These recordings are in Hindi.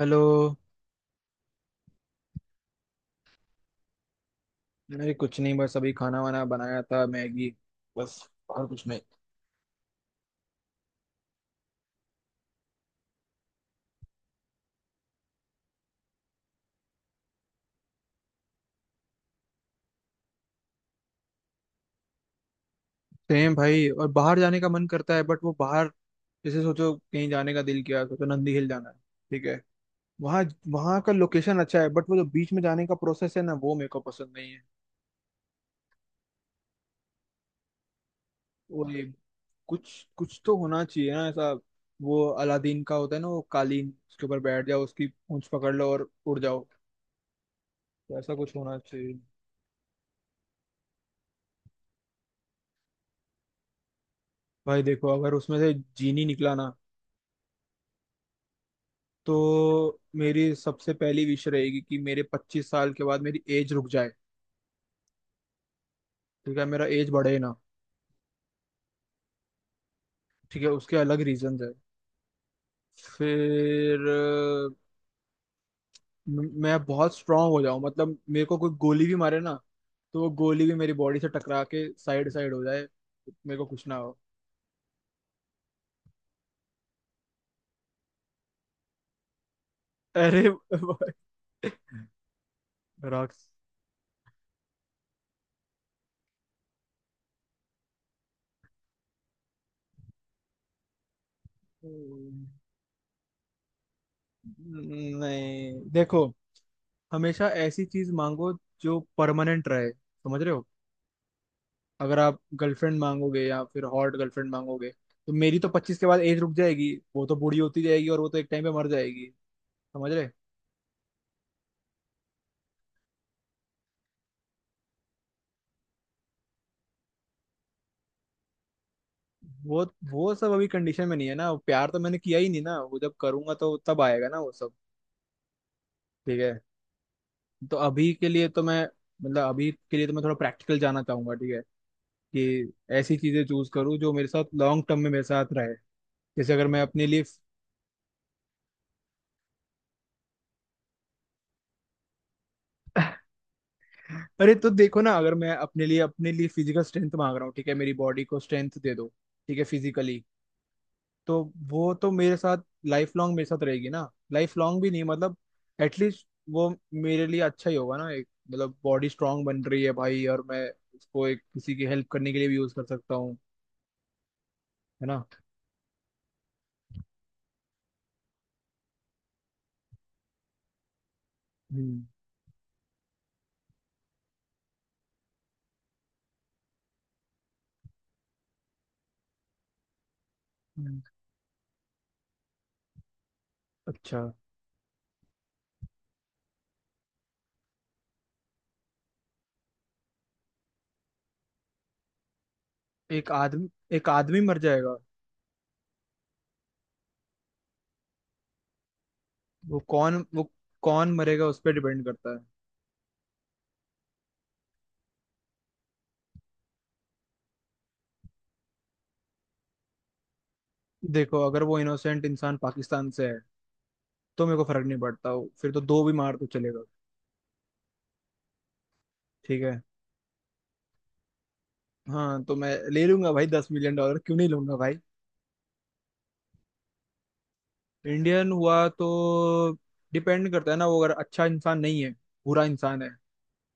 हेलो। अरे कुछ नहीं, बस अभी खाना वाना बनाया था, मैगी। बस। सेम भाई, और बाहर जाने का मन करता है बट वो बाहर, जैसे सोचो कहीं जाने का दिल किया, सोचो नंदी हिल जाना है। ठीक है। वहाँ वहाँ का लोकेशन अच्छा है, बट वो जो बीच में जाने का प्रोसेस है ना, वो मेरे को पसंद नहीं है। वो ये कुछ कुछ तो होना चाहिए ना ऐसा। वो अलादीन का होता है ना, वो कालीन, उसके ऊपर बैठ जाओ, उसकी पूंछ पकड़ लो और उड़ जाओ। तो ऐसा कुछ होना चाहिए। भाई देखो, अगर उसमें से जीनी निकला ना, तो मेरी सबसे पहली विश रहेगी कि मेरे 25 साल के बाद मेरी एज रुक जाए। ठीक है, मेरा एज बढ़े ना। ठीक है, उसके अलग रीजंस है। फिर मैं बहुत स्ट्रांग हो जाऊं, मतलब मेरे को कोई गोली भी मारे ना, तो वो गोली भी मेरी बॉडी से टकरा के साइड साइड हो जाए, मेरे को कुछ ना हो। अरे भाई। रॉक्स। नहीं देखो, हमेशा ऐसी चीज मांगो जो परमानेंट रहे, समझ रहे हो। अगर आप गर्लफ्रेंड मांगोगे या फिर हॉट गर्लफ्रेंड मांगोगे, तो मेरी तो 25 के बाद एज रुक जाएगी, वो तो बूढ़ी होती जाएगी और वो तो एक टाइम पे मर जाएगी। समझ रहे। वो वो सब अभी कंडीशन में नहीं है ना, प्यार तो मैंने किया ही नहीं ना, वो जब करूंगा तो तब आएगा ना वो सब। ठीक है। तो अभी के लिए तो मैं मतलब अभी के लिए तो मैं थोड़ा प्रैक्टिकल जाना चाहूंगा। ठीक है, कि ऐसी चीजें चूज करूँ जो मेरे साथ लॉन्ग टर्म में मेरे साथ रहे। जैसे अगर मैं अपने लिए, अरे तो देखो ना, अगर मैं अपने लिए फिजिकल स्ट्रेंथ मांग रहा हूँ, ठीक है, मेरी बॉडी को स्ट्रेंथ दे दो। ठीक है, फिजिकली। तो वो तो मेरे साथ लाइफ लॉन्ग मेरे साथ रहेगी ना, लाइफ लॉन्ग भी नहीं, मतलब एटलीस्ट वो मेरे लिए अच्छा ही होगा ना। एक मतलब, बॉडी स्ट्रांग बन रही है भाई, और मैं उसको एक किसी की हेल्प करने के लिए भी यूज कर सकता हूँ, है ना। हम्म। हम्म। अच्छा। एक आदमी एक आदमी मर जाएगा। वो कौन मरेगा उस पर डिपेंड करता है। देखो अगर वो इनोसेंट इंसान पाकिस्तान से है, तो मेरे को फर्क नहीं पड़ता, वो फिर तो दो भी मार तो चलेगा। ठीक है। हाँ, तो मैं ले लूंगा भाई, 10 मिलियन डॉलर क्यों नहीं लूंगा भाई। इंडियन हुआ तो डिपेंड करता है ना, वो अगर अच्छा इंसान नहीं है, बुरा इंसान है,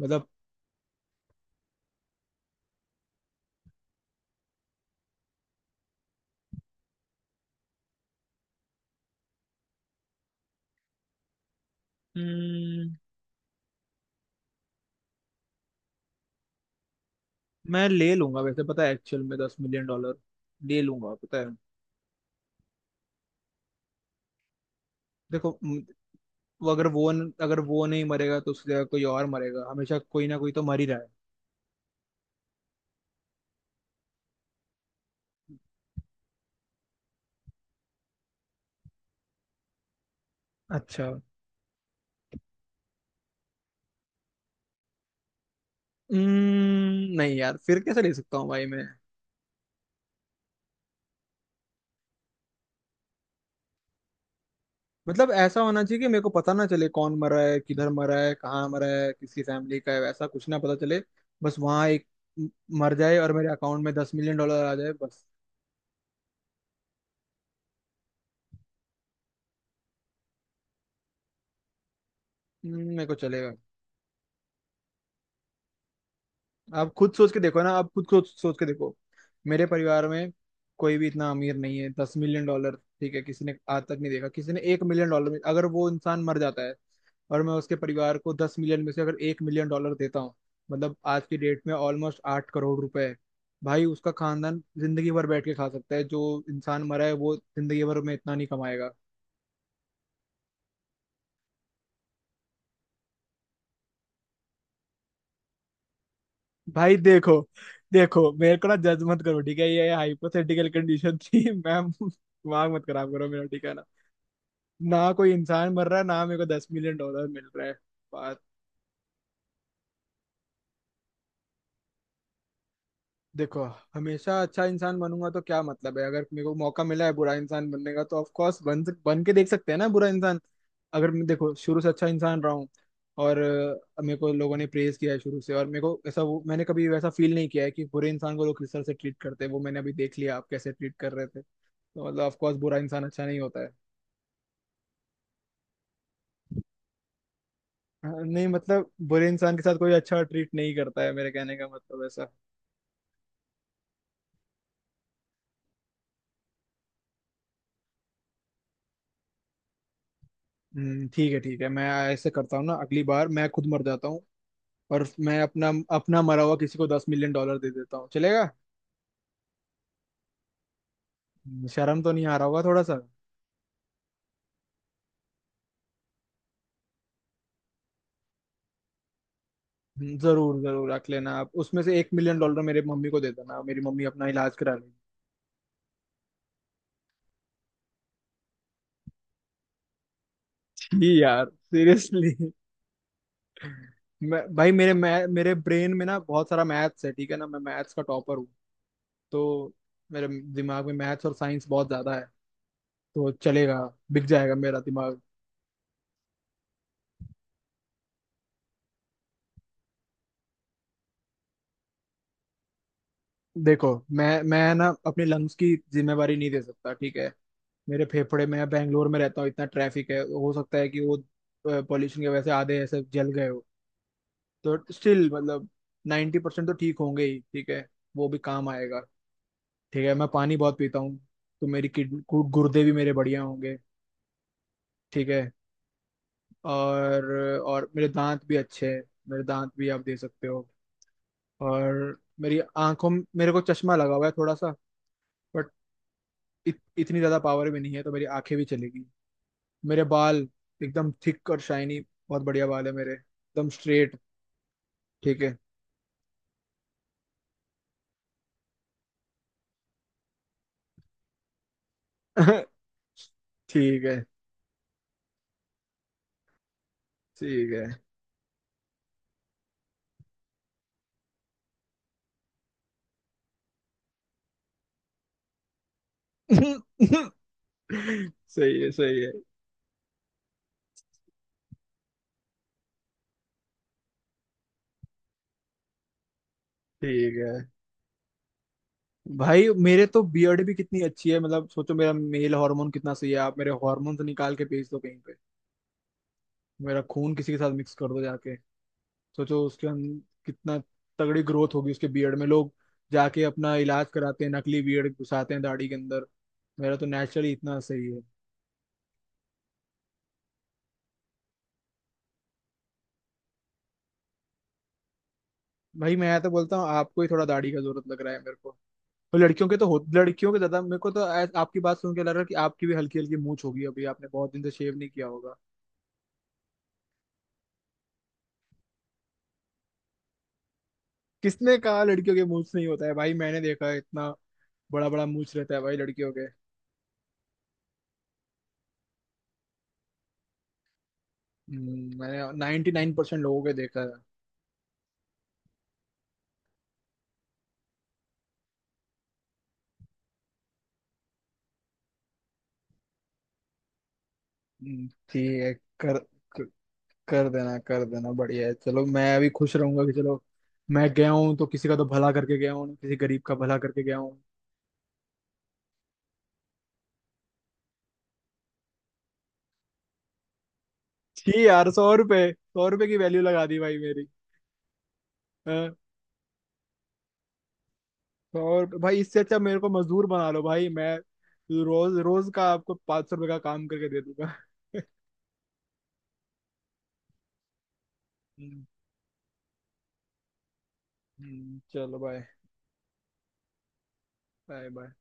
मतलब। हम्म, मैं ले लूंगा, वैसे पता है, एक्चुअल में 10 मिलियन डॉलर ले लूंगा पता है। देखो, वो अगर वो न, अगर वो नहीं मरेगा तो उसकी जगह कोई और मरेगा, हमेशा कोई ना कोई तो मर ही रहा है। अच्छा। नहीं यार, फिर कैसे ले सकता हूँ भाई मैं। मतलब ऐसा होना चाहिए कि मेरे को पता ना चले कौन मरा है, किधर मरा है, कहाँ मरा है, किसकी फैमिली का है, ऐसा कुछ ना पता चले। बस वहाँ एक म- मर जाए और मेरे अकाउंट में 10 मिलियन डॉलर आ जाए बस। मेरे को चलेगा। आप खुद सोच के देखो ना, आप खुद सोच सोच के देखो। मेरे परिवार में कोई भी इतना अमीर नहीं है, 10 मिलियन डॉलर, ठीक है, किसी ने आज तक नहीं देखा, किसी ने 1 मिलियन डॉलर में, अगर वो इंसान मर जाता है और मैं उसके परिवार को 10 मिलियन में से अगर 1 मिलियन डॉलर देता हूँ, मतलब आज की डेट में ऑलमोस्ट 8 करोड़ रुपए है भाई, उसका खानदान जिंदगी भर बैठ के खा सकता है। जो इंसान मरा है वो जिंदगी भर में इतना नहीं कमाएगा। भाई देखो, देखो मेरे को ना जज मत करो, ठीक है, ये हाइपोथेटिकल कंडीशन थी। मैम दिमाग मत खराब करो मेरा, ठीक है ना। ना कोई इंसान मर रहा है, ना मेरे को 10 मिलियन डॉलर मिल रहा है। बात। देखो, हमेशा अच्छा इंसान बनूंगा तो क्या मतलब है, अगर मेरे को मौका मिला है बुरा इंसान बनने का तो ऑफ कोर्स बन के देख सकते हैं ना बुरा इंसान। अगर मैं देखो शुरू से अच्छा इंसान रहा हूँ, और मेरे को लोगों ने प्रेज किया है शुरू से, और मेरे को ऐसा, वो मैंने कभी वैसा फील नहीं किया है कि बुरे इंसान को लोग किस तरह से ट्रीट करते हैं, वो मैंने अभी देख लिया, आप कैसे ट्रीट कर रहे थे। तो मतलब ऑफ कोर्स बुरा इंसान अच्छा नहीं होता है। हाँ, नहीं मतलब बुरे इंसान के साथ कोई अच्छा ट्रीट नहीं करता है, मेरे कहने का मतलब ऐसा। ठीक है ठीक है, मैं ऐसे करता हूँ ना, अगली बार मैं खुद मर जाता हूँ, और मैं अपना अपना मरा हुआ किसी को 10 मिलियन डॉलर दे देता हूँ, चलेगा। शर्म तो नहीं आ रहा होगा थोड़ा सा। जरूर जरूर रख लेना, आप उसमें से 1 मिलियन डॉलर मेरे मम्मी को दे देना, मेरी मम्मी अपना इलाज करा लेगी। जी यार, सीरियसली। मैं भाई मेरे मैं मेरे ब्रेन में ना बहुत सारा मैथ्स है ठीक है ना, मैं मैथ्स का टॉपर हूँ। तो मेरे दिमाग में मैथ्स और साइंस बहुत ज्यादा है, तो चलेगा, बिक जाएगा मेरा दिमाग। देखो मैं ना अपने लंग्स की जिम्मेवारी नहीं दे सकता, ठीक है, मेरे फेफड़े, मैं बैंगलोर में रहता हूँ, इतना ट्रैफिक है, हो सकता है कि वो पॉल्यूशन की वजह से आधे ऐसे जल गए हो। तो स्टिल मतलब 90% तो ठीक होंगे ही, ठीक है, वो भी काम आएगा। ठीक है, मैं पानी बहुत पीता हूँ, तो मेरी गुर्दे भी मेरे बढ़िया होंगे, ठीक है। और और मेरे दांत भी अच्छे हैं, मेरे दांत भी आप दे सकते हो। और मेरी आंखों, मेरे को चश्मा लगा हुआ है थोड़ा सा, इतनी ज्यादा पावर भी नहीं है, तो मेरी आंखें भी चलेगी। मेरे बाल एकदम थिक और शाइनी, बहुत बढ़िया बाल है मेरे, एकदम स्ट्रेट। ठीक है। ठीक है। ठीक है। सही है, सही है। ठीक है भाई, मेरे तो बियर्ड भी कितनी अच्छी है, मतलब सोचो मेरा मेल हार्मोन कितना सही है। आप मेरे हार्मोन निकाल के भेज दो कहीं पे, मेरा खून किसी के साथ मिक्स कर दो जाके, सोचो उसके अंदर कितना तगड़ी ग्रोथ होगी उसके बियर्ड में। लोग जाके अपना इलाज कराते हैं, नकली बियर्ड घुसाते हैं दाढ़ी के अंदर। मेरा तो नेचुरली इतना सही है। भाई मैं तो बोलता हूँ, आपको ही थोड़ा दाढ़ी का जरूरत लग रहा है मेरे को। लड़कियों के ज्यादा, मेरे को तो आपकी बात सुन के लग रहा है कि आपकी भी हल्की हल्की मूंछ होगी, अभी आपने बहुत दिन से शेव नहीं किया होगा। किसने कहा लड़कियों के मूंछ नहीं होता है भाई, मैंने देखा है इतना बड़ा बड़ा मूंछ रहता है भाई लड़कियों के। मैंने 99% लोगों के देखा है। ठीक है। कर कर देना, कर देना, बढ़िया है, चलो मैं भी खुश रहूंगा कि चलो, मैं गया हूँ तो किसी का तो भला करके गया हूँ, किसी गरीब का भला करके गया हूँ। छी यार, 100 रुपए, 100 रुपए की वैल्यू लगा दी भाई मेरी। हाँ, 100 रुपए भाई, इससे अच्छा मेरे को मजदूर बना लो भाई, मैं रोज रोज का आपको 500 रुपए का काम करके दे दूंगा। हम्म, चलो बाय। Bye bye.